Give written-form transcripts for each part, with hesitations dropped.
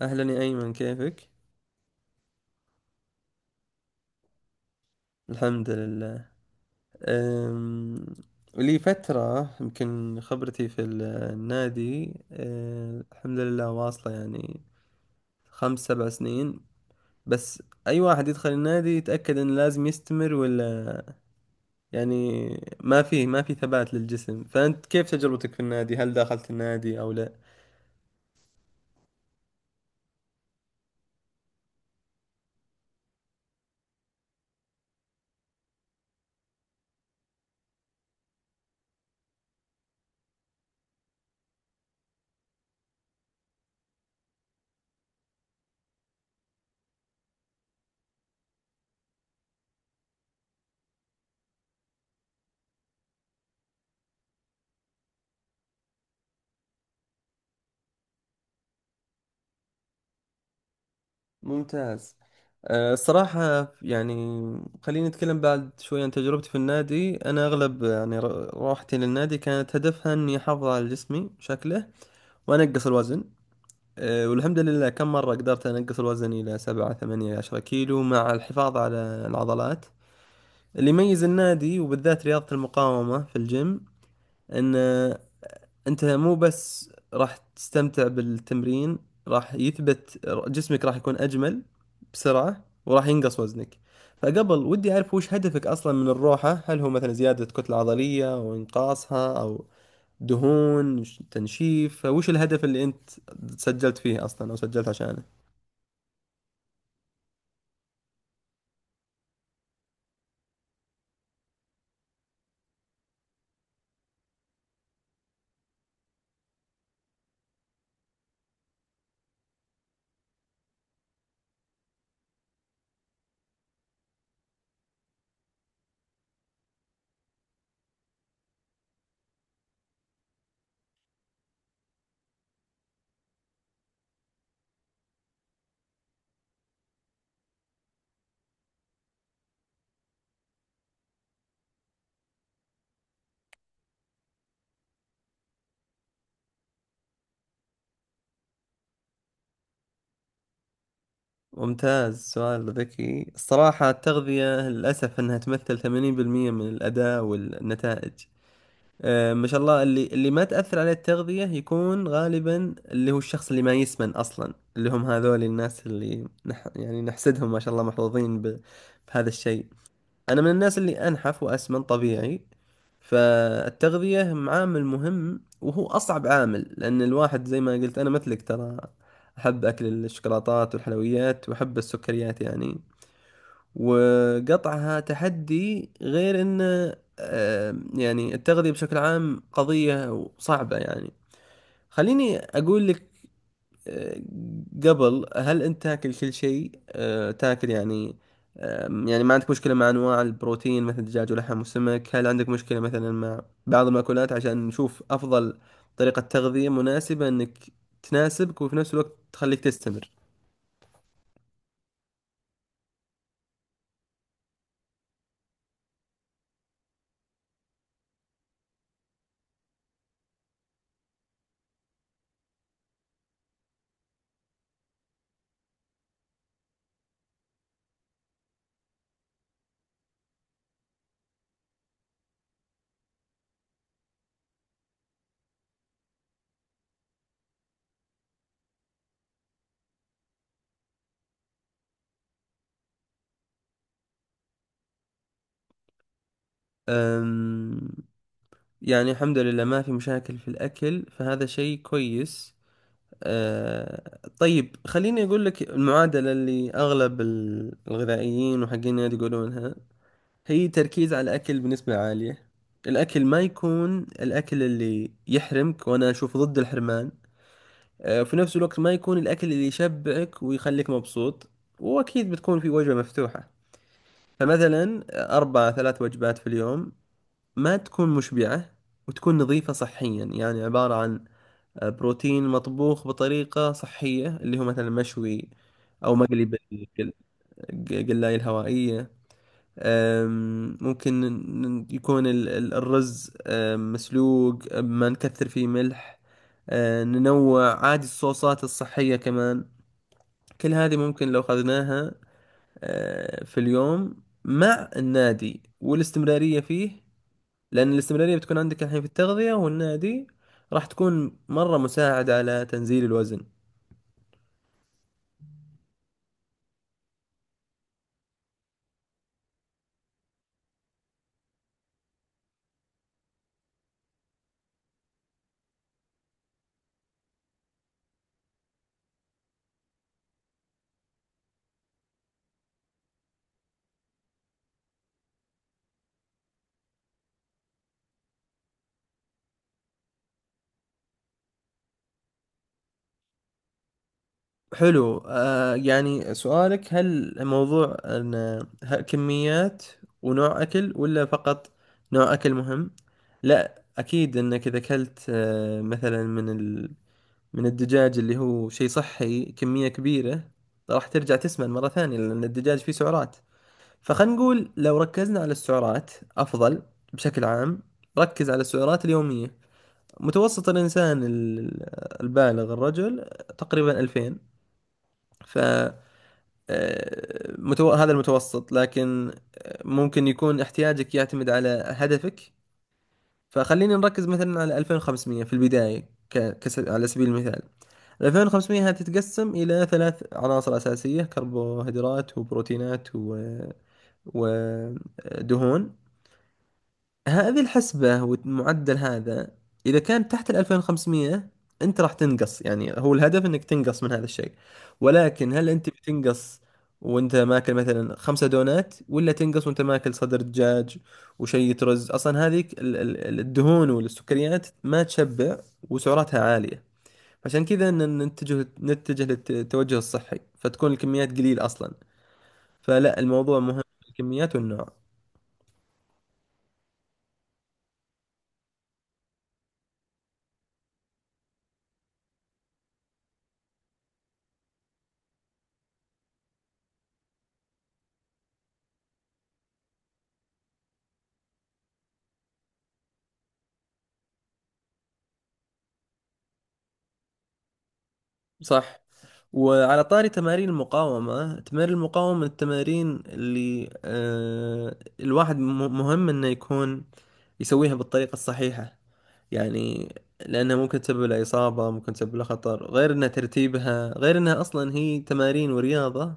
أهلا يا أيمن، كيفك؟ الحمد لله. أم... لي فترة يمكن خبرتي في النادي، الحمد لله واصلة، يعني خمس سبع سنين. بس أي واحد يدخل النادي يتأكد إنه لازم يستمر، ولا يعني ما في ثبات للجسم. فأنت كيف تجربتك في النادي؟ هل دخلت النادي أو لا؟ ممتاز. الصراحة يعني خليني أتكلم بعد شوي عن تجربتي في النادي. أنا أغلب يعني روحتي للنادي كانت هدفها إني أحافظ على جسمي شكله وأنقص الوزن. والحمد لله كم مرة قدرت أنقص الوزن إلى سبعة ثمانية عشرة كيلو مع الحفاظ على العضلات. اللي يميز النادي وبالذات رياضة المقاومة في الجيم إن انت مو بس راح تستمتع بالتمرين، راح يثبت جسمك، راح يكون اجمل بسرعة، وراح ينقص وزنك. فقبل، ودي اعرف وش هدفك اصلا من الروحة. هل هو مثلا زيادة كتلة عضلية او انقاصها او دهون، تنشيف؟ فوش الهدف اللي انت سجلت فيه اصلا او سجلت عشانه؟ ممتاز، سؤال ذكي. الصراحة التغذية للأسف أنها تمثل 80% من الأداء والنتائج. ما شاء الله، اللي ما تأثر عليه التغذية يكون غالبا اللي هو الشخص اللي ما يسمن أصلا، اللي هم هذول الناس اللي يعني نحسدهم، ما شاء الله، محظوظين بهذا الشيء. أنا من الناس اللي أنحف وأسمن طبيعي، فالتغذية عامل مهم، وهو أصعب عامل، لأن الواحد زي ما قلت أنا مثلك، ترى أحب أكل الشوكولاتات والحلويات وأحب السكريات يعني، وقطعها تحدي. غير انه يعني التغذية بشكل عام قضية صعبة يعني. خليني اقول لك، آه، قبل، هل انت تاكل كل شيء؟ تاكل يعني، يعني ما عندك مشكلة مع انواع البروتين مثل الدجاج ولحم وسمك؟ هل عندك مشكلة مثلا مع بعض المأكولات عشان نشوف افضل طريقة تغذية مناسبة انك تناسبك، وفي نفس الوقت تخليك تستمر؟ أم، يعني الحمد لله ما في مشاكل في الأكل، فهذا شيء كويس. آه، طيب خليني أقول لك المعادلة اللي أغلب الغذائيين وحقين النادي يقولونها. هي تركيز على الأكل بنسبة عالية، الأكل ما يكون الأكل اللي يحرمك، وأنا أشوف ضد الحرمان. آه، في نفس الوقت ما يكون الأكل اللي يشبعك ويخليك مبسوط، وأكيد بتكون في وجبة مفتوحة. فمثلا أربع ثلاث وجبات في اليوم، ما تكون مشبعة، وتكون نظيفة صحيا، يعني عبارة عن بروتين مطبوخ بطريقة صحية، اللي هو مثلا مشوي أو مقلي بالقلاية الهوائية. ممكن يكون الرز مسلوق، ما نكثر فيه ملح. ننوع عادي، الصوصات الصحية كمان. كل هذه ممكن لو أخذناها في اليوم مع النادي والاستمرارية فيه، لأن الاستمرارية بتكون عندك الحين في التغذية والنادي، راح تكون مرة مساعدة على تنزيل الوزن. حلو. آه، يعني سؤالك هل موضوع أن كميات ونوع أكل، ولا فقط نوع أكل مهم؟ لا، أكيد أنك إذا أكلت آه مثلا من الدجاج، اللي هو شيء صحي، كمية كبيرة، راح ترجع تسمن مرة ثانية، لأن الدجاج فيه سعرات. فخلينا نقول لو ركزنا على السعرات أفضل بشكل عام. ركز على السعرات اليومية. متوسط الإنسان البالغ، الرجل، تقريبا 2000. ف هذا المتوسط، لكن آه، ممكن يكون احتياجك يعتمد على هدفك. فخلينا نركز مثلا على 2500 في البداية، على سبيل المثال. 2500 هذه تتقسم إلى ثلاث عناصر أساسية: كربوهيدرات وبروتينات ودهون. هذه الحسبة والمعدل هذا، إذا كان تحت ال 2500، أنت راح تنقص. يعني هو الهدف أنك تنقص من هذا الشيء. ولكن هل أنت بتنقص وأنت ماكل مثلا 5 دونات، ولا تنقص وأنت ماكل صدر دجاج وشيء رز؟ أصلا هذيك الدهون والسكريات ما تشبع، وسعراتها عالية، عشان كذا نتجه للتوجه الصحي، فتكون الكميات قليل أصلا. فلا، الموضوع مهم، الكميات والنوع. صح. وعلى طاري تمارين المقاومة، تمارين المقاومة من التمارين اللي آه الواحد مهم انه يكون يسويها بالطريقة الصحيحة، يعني لأنها ممكن تسبب له إصابة، ممكن تسبب له خطر، غير أنها ترتيبها، غير أنها أصلا هي تمارين ورياضة،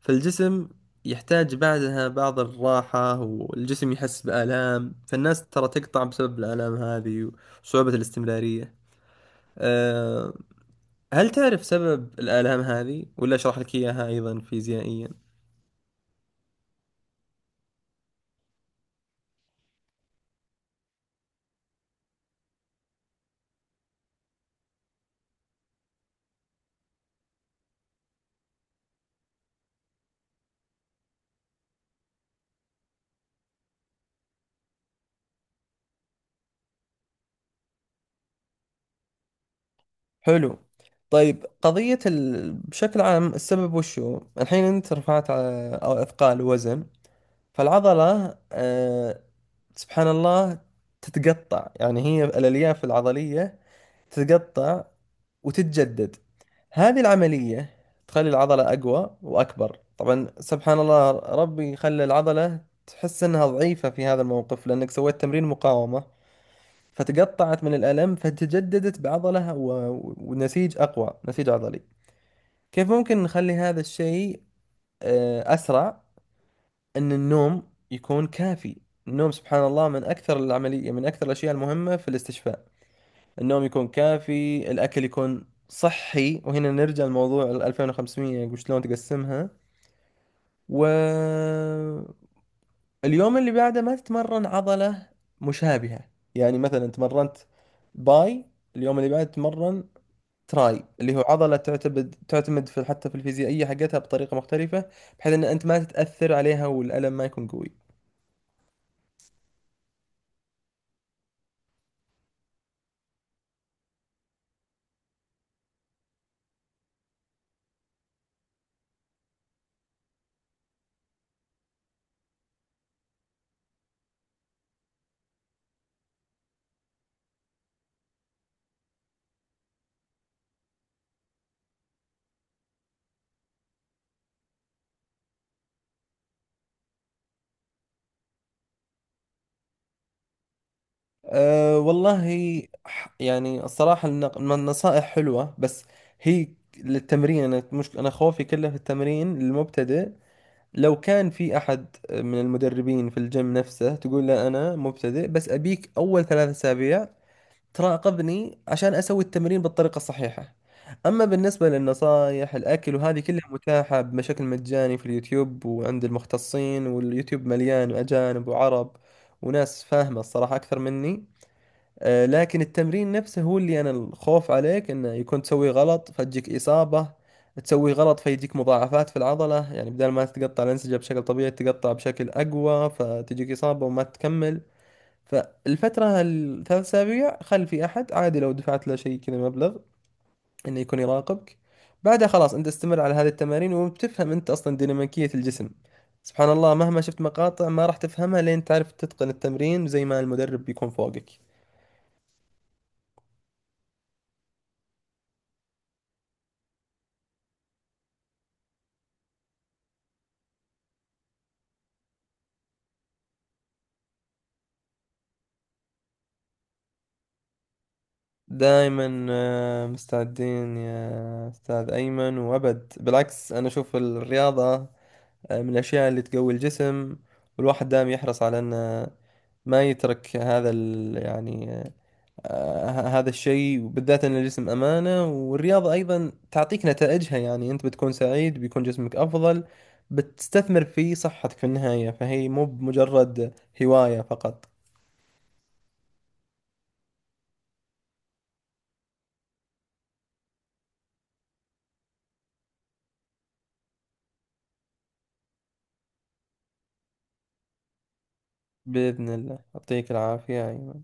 فالجسم يحتاج بعدها بعض الراحة، والجسم يحس بآلام، فالناس ترى تقطع بسبب الآلام هذه وصعوبة الاستمرارية. آه، هل تعرف سبب الآلام هذه، ولا أشرح لك إياها أيضا فيزيائيا؟ حلو. طيب، قضية بشكل عام السبب وشو الحين؟ أنت رفعت أو أثقال وزن، فالعضلة سبحان الله تتقطع، يعني هي الألياف العضلية تتقطع وتتجدد. هذه العملية تخلي العضلة أقوى وأكبر. طبعا سبحان الله، ربي خلى العضلة تحس أنها ضعيفة في هذا الموقف لأنك سويت تمرين مقاومة، فتقطعت من الألم، فتجددت بعضلة ونسيج أقوى، نسيج عضلي. كيف ممكن نخلي هذا الشيء أسرع؟ أن النوم يكون كافي. النوم سبحان الله من أكثر الأشياء المهمة في الاستشفاء. النوم يكون كافي، الأكل يكون صحي، وهنا نرجع لموضوع ال 2500 وشلون تقسمها. واليوم اللي بعده ما تتمرن عضلة مشابهة، يعني مثلا تمرنت باي، اليوم اللي بعده تتمرن تراي، اللي هو عضلة تعتمد في، حتى في الفيزيائية حقتها، بطريقة مختلفة، بحيث ان انت ما تتأثر عليها والألم ما يكون قوي. أه والله، يعني الصراحة النصائح حلوة، بس هي للتمرين. انا مش انا خوفي كله في التمرين المبتدئ. لو كان في احد من المدربين في الجيم نفسه، تقول له انا مبتدئ، بس ابيك اول 3 اسابيع تراقبني عشان أسوي التمرين بالطريقة الصحيحة. أما بالنسبة للنصايح، الأكل وهذه كلها متاحة بشكل مجاني في اليوتيوب وعند المختصين، واليوتيوب مليان أجانب وعرب وناس فاهمة الصراحة أكثر مني. آه، لكن التمرين نفسه هو اللي أنا الخوف عليك إنه يكون تسوي غلط فتجيك إصابة، تسوي غلط فيجيك مضاعفات في العضلة، يعني بدل ما تتقطع الأنسجة بشكل طبيعي تتقطع بشكل أقوى فتجيك إصابة وما تكمل. فالفترة ال 3 أسابيع، خل في أحد عادي، لو دفعت له شيء كذا مبلغ إنه يكون يراقبك. بعدها خلاص أنت استمر على هذه التمارين، وبتفهم أنت أصلا ديناميكية الجسم. سبحان الله، مهما شفت مقاطع ما راح تفهمها لين تعرف تتقن التمرين زي ما المدرب بيكون فوقك. دائما آه، مستعدين يا أستاذ أيمن، وأبد بالعكس. أنا أشوف الرياضة آه، من الأشياء اللي تقوي الجسم، والواحد دائما يحرص على أنه ما يترك هذا ال يعني آه، آه، هذا الشيء. وبالذات ان الجسم امانه، والرياضه ايضا تعطيك نتائجها، يعني انت بتكون سعيد، بيكون جسمك افضل، بتستثمر في صحتك في النهايه، فهي مو بمجرد هوايه فقط. باذن الله، يعطيك العافيه أيمن.